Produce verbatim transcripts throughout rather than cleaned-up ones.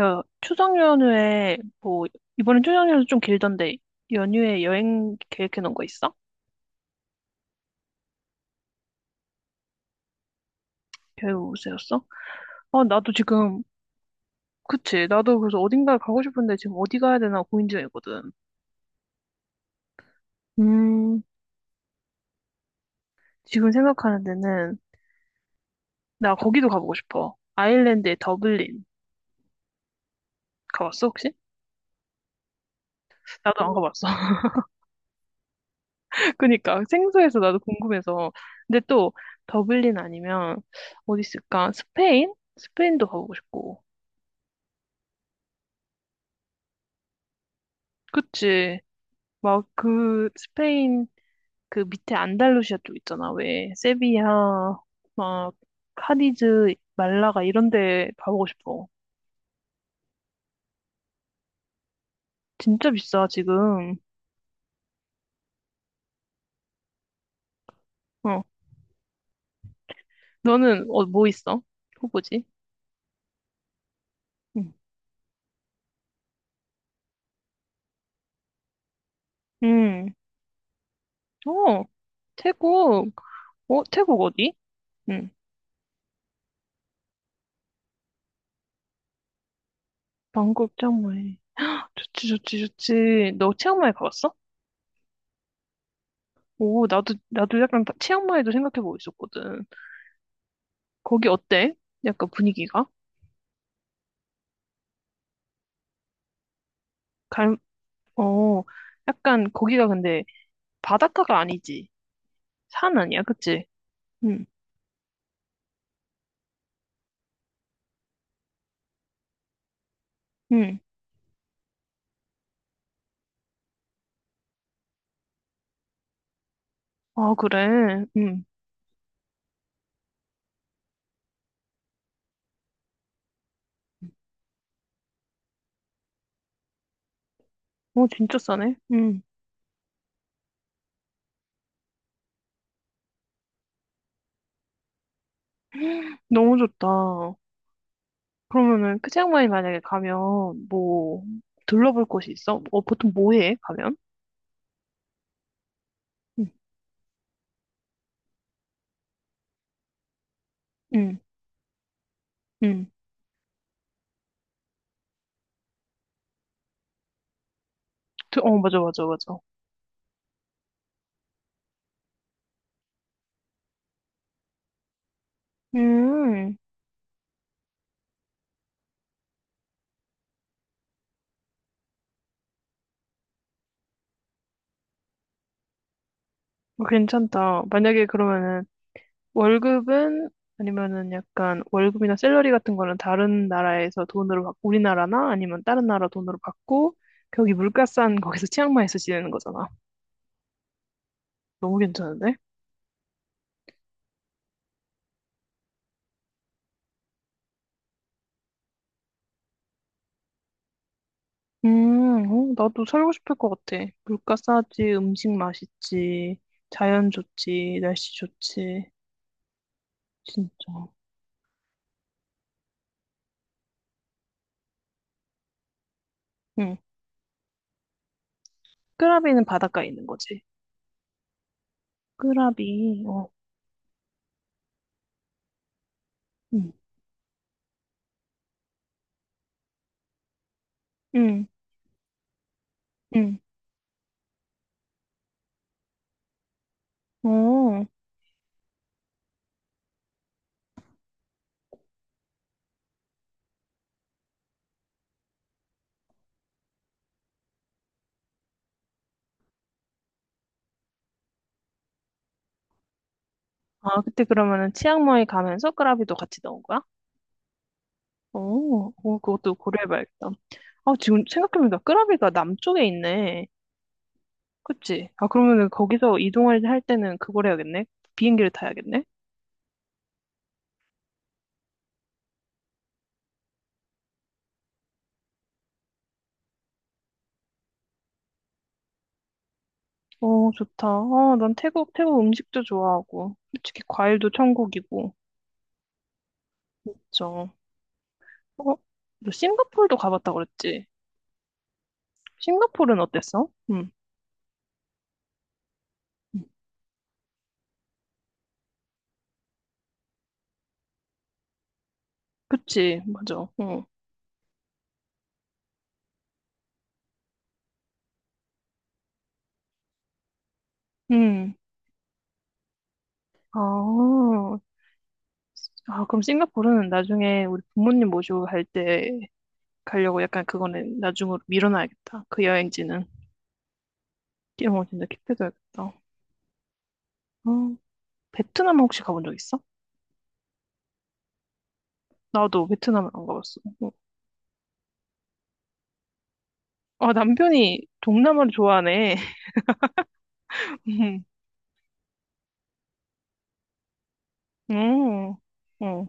야, 추석 연휴에 뭐 이번엔 추석 연휴 좀 길던데 연휴에 여행 계획해 놓은 거 있어? 계획 세웠어? 아 나도 지금 그치 나도 그래서 어딘가 가고 싶은데 지금 어디 가야 되나 고민 중이거든. 음 지금 생각하는 데는 나 거기도 가보고 싶어. 아일랜드의 더블린 가봤어 혹시? 나도 안 가봤어. 그니까 생소해서 나도 궁금해서. 근데 또 더블린 아니면 어디 있을까? 스페인? 스페인도 가보고 싶고. 그치. 막 그 스페인 그 밑에 안달루시아 쪽 있잖아. 왜 세비야, 막 카디즈, 말라가 이런 데 가보고 싶어. 진짜 비싸 지금. 어, 너는 어, 뭐 있어? 후보지? 응. 음. 어, 태국. 어, 태국 어디? 응. 방콕 치앙마이. 좋지, 좋지, 좋지. 너 치앙마이 가봤어? 오, 나도 나도 약간 치앙마이도 생각해보고 있었거든. 거기 어때? 약간 분위기가? 어, 약간 거기가 근데 바닷가가 아니지. 산 아니야, 그치? 응, 응. 아, 그래. 응. 어, 진짜 싸네. 응. 너무 좋다. 그러면은 그 치앙마이 만약에 가면 뭐 둘러볼 곳이 있어? 어, 보통 뭐 해? 가면? 응, 응, 응. 드- 어, 맞아, 맞아, 맞아. 음, 어, 괜찮다. 만약에 그러면은 월급은 아니면은 약간 월급이나 샐러리 같은 거는 다른 나라에서 돈으로 받고 우리나라나 아니면 다른 나라 돈으로 받고 거기 물가 싼 거기서 치앙마이에서 지내는 거잖아. 너무 괜찮은데? 음, 어, 나도 살고 싶을 것 같아. 물가 싸지, 음식 맛있지, 자연 좋지, 날씨 좋지, 진짜. 응. 끄라비는 바닷가에 있는 거지. 끄라비, 어, 응, 응, 응, 어. 아, 그때 그러면은 치앙마이 가면서 끄라비도 같이 넣은 거야? 오, 오, 그것도 고려해봐야겠다. 아, 지금 생각해보니까 끄라비가 남쪽에 있네. 그치? 아, 그러면은 거기서 이동할 할 때는 그걸 해야겠네? 비행기를 타야겠네? 오, 좋다. 아, 난 태국, 태국 음식도 좋아하고, 솔직히 과일도 천국이고, 그쵸? 어? 너 싱가포르도 가봤다 그랬지? 싱가포르는 어땠어? 응. 응. 그치, 맞아. 응. 응. 아, 아, 그럼 싱가포르는 나중에 우리 부모님 모시고 갈때 가려고 약간 그거는 나중으로 밀어놔야겠다. 그 여행지는. 영어 진짜 킵해둬야겠다. 어, 베트남 혹시 가본 적 있어? 나도 베트남을 안 가봤어. 어. 아, 남편이 동남아를 좋아하네. 음, 음. 어.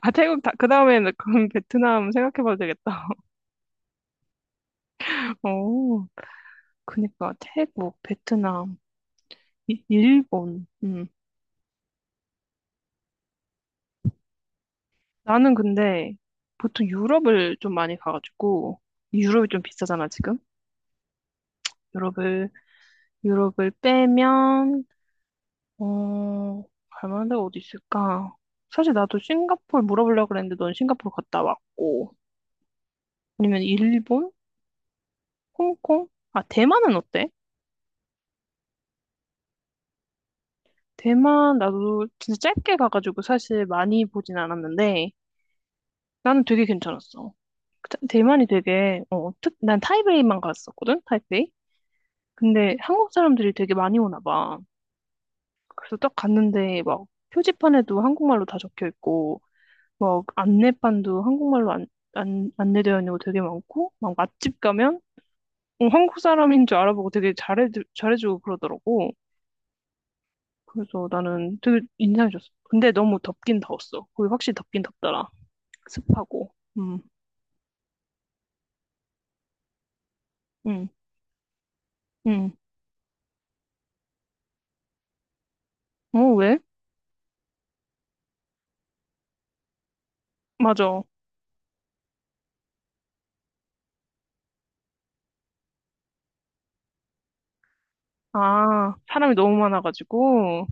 아, 태국, 다, 그 다음에는 그럼 베트남 생각해봐도 되겠다. 어, 그니까 태국, 베트남, 이- 일본. 음. 나는 근데 보통 유럽을 좀 많이 가가지고, 유럽이 좀 비싸잖아, 지금? 유럽을, 유럽을 빼면 어, 갈 만한 데가 어디 있을까? 사실 나도 싱가포르 물어보려고 그랬는데 넌 싱가포르 갔다 왔고. 아니면 일본? 홍콩? 아, 대만은 어때? 대만 나도 진짜 짧게 가가지고 사실 많이 보진 않았는데 나는 되게 괜찮았어. 그 대- 대만이 되게, 어, 특, 난 타이베이만 갔었거든? 타이베이? 근데 한국 사람들이 되게 많이 오나 봐. 그래서 딱 갔는데 막 표지판에도 한국말로 다 적혀 있고 막 안내판도 한국말로 안, 안, 안내되어 있는 거 되게 많고 막 맛집 가면 어, 한국 사람인 줄 알아보고 되게 잘해 잘해주고 그러더라고. 그래서 나는 되게 인상이 좋았어. 근데 너무 덥긴 더웠어. 거기 확실히 덥긴 덥더라. 습하고. 음, 음, 음. 어, 왜? 맞아. 아, 사람이 너무 많아가지고.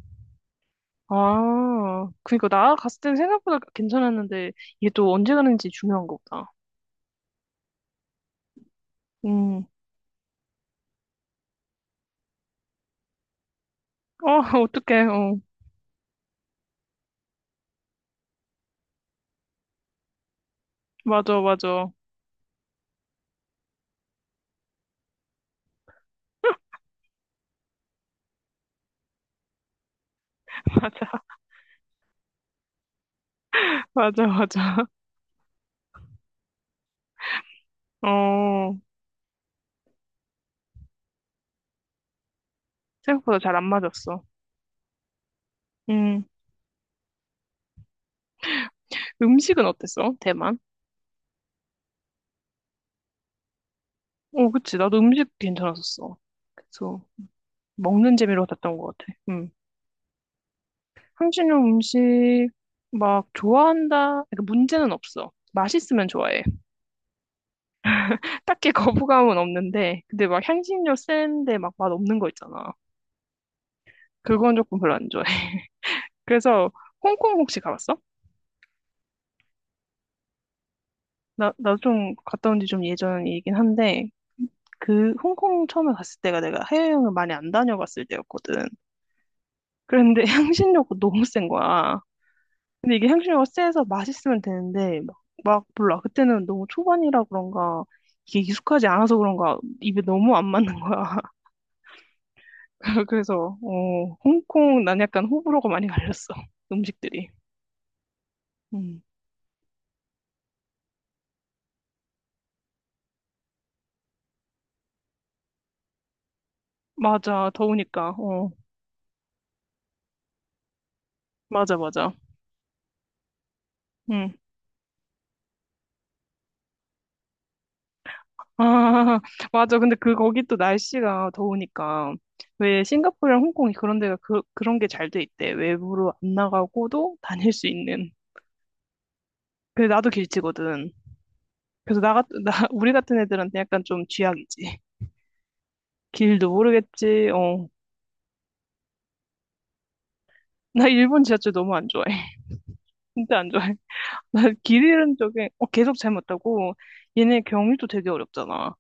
아, 그니까 나 갔을 때는 생각보다 괜찮았는데 이게 또 언제 가는지 중요한 거보다. 음, 어, 어떡해. 어, 맞아, 맞아. 맞아. 맞아, 맞아. 어, 생각보다 잘 안 맞았어. 음, 음식은 어땠어? 대만? 어, 그치. 나도 음식 괜찮았었어. 그래서 먹는 재미로 갔던 것 같아. 음. 한신형 음식 막 좋아한다. 그러니까 문제는 없어. 맛있으면 좋아해. 딱히 거부감은 없는데, 근데 막 향신료 센데 막 맛 없는 거 있잖아. 그건 조금 별로 안 좋아해. 그래서 홍콩 혹시 가봤어? 나, 나 좀 갔다 온지 좀 예전이긴 한데, 그 홍콩 처음에 갔을 때가 내가 해외여행을 많이 안 다녀봤을 때였거든. 그런데 향신료가 너무 센 거야. 근데 이게 향신료가 세서 맛있으면 되는데 막, 막 몰라. 그때는 너무 초반이라 그런가 이게 익숙하지 않아서 그런가 입에 너무 안 맞는 거야. 그래서 어, 홍콩 난 약간 호불호가 많이 갈렸어. 음식들이. 음. 맞아. 더우니까. 어. 맞아 맞아. 음. 아, 맞아. 근데 그, 거기 또 날씨가 더우니까. 왜 싱가포르랑 홍콩이 그런 데가 그, 그런 게 잘 돼 있대. 외부로 안 나가고도 다닐 수 있는. 그래, 나도 길치거든. 그래서 나, 같- 나, 우리 같은 애들한테 약간 좀 쥐약이지. 길도 모르겠지. 어. 나 일본 지하철 너무 안 좋아해. 진짜 안 좋아해. 나 길 잃은 적에, 어, 계속 잘못 타고, 얘네 경유도 되게 어렵잖아.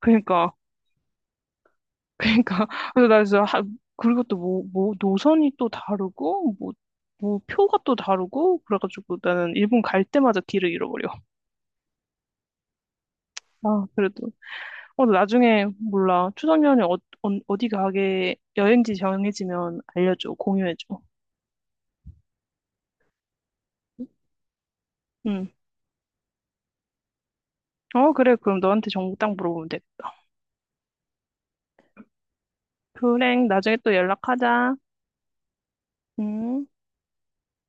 그러니까 그러니까 그래서 나 진짜 하, 그리고 또 뭐 뭐 노선이 또 다르고 뭐 뭐 표가 또 다르고 그래가지고 나는 일본 갈 때마다 길을 잃어버려. 아 그래도 어 나중에 몰라 추석 연휴 어, 어- 어디 가게 여행지 정해지면 알려줘 공유해줘. 응. 어 그래 그럼 너한테 정보 딱 물어보면 되겠다. 그래 나중에 또 연락하자. 응.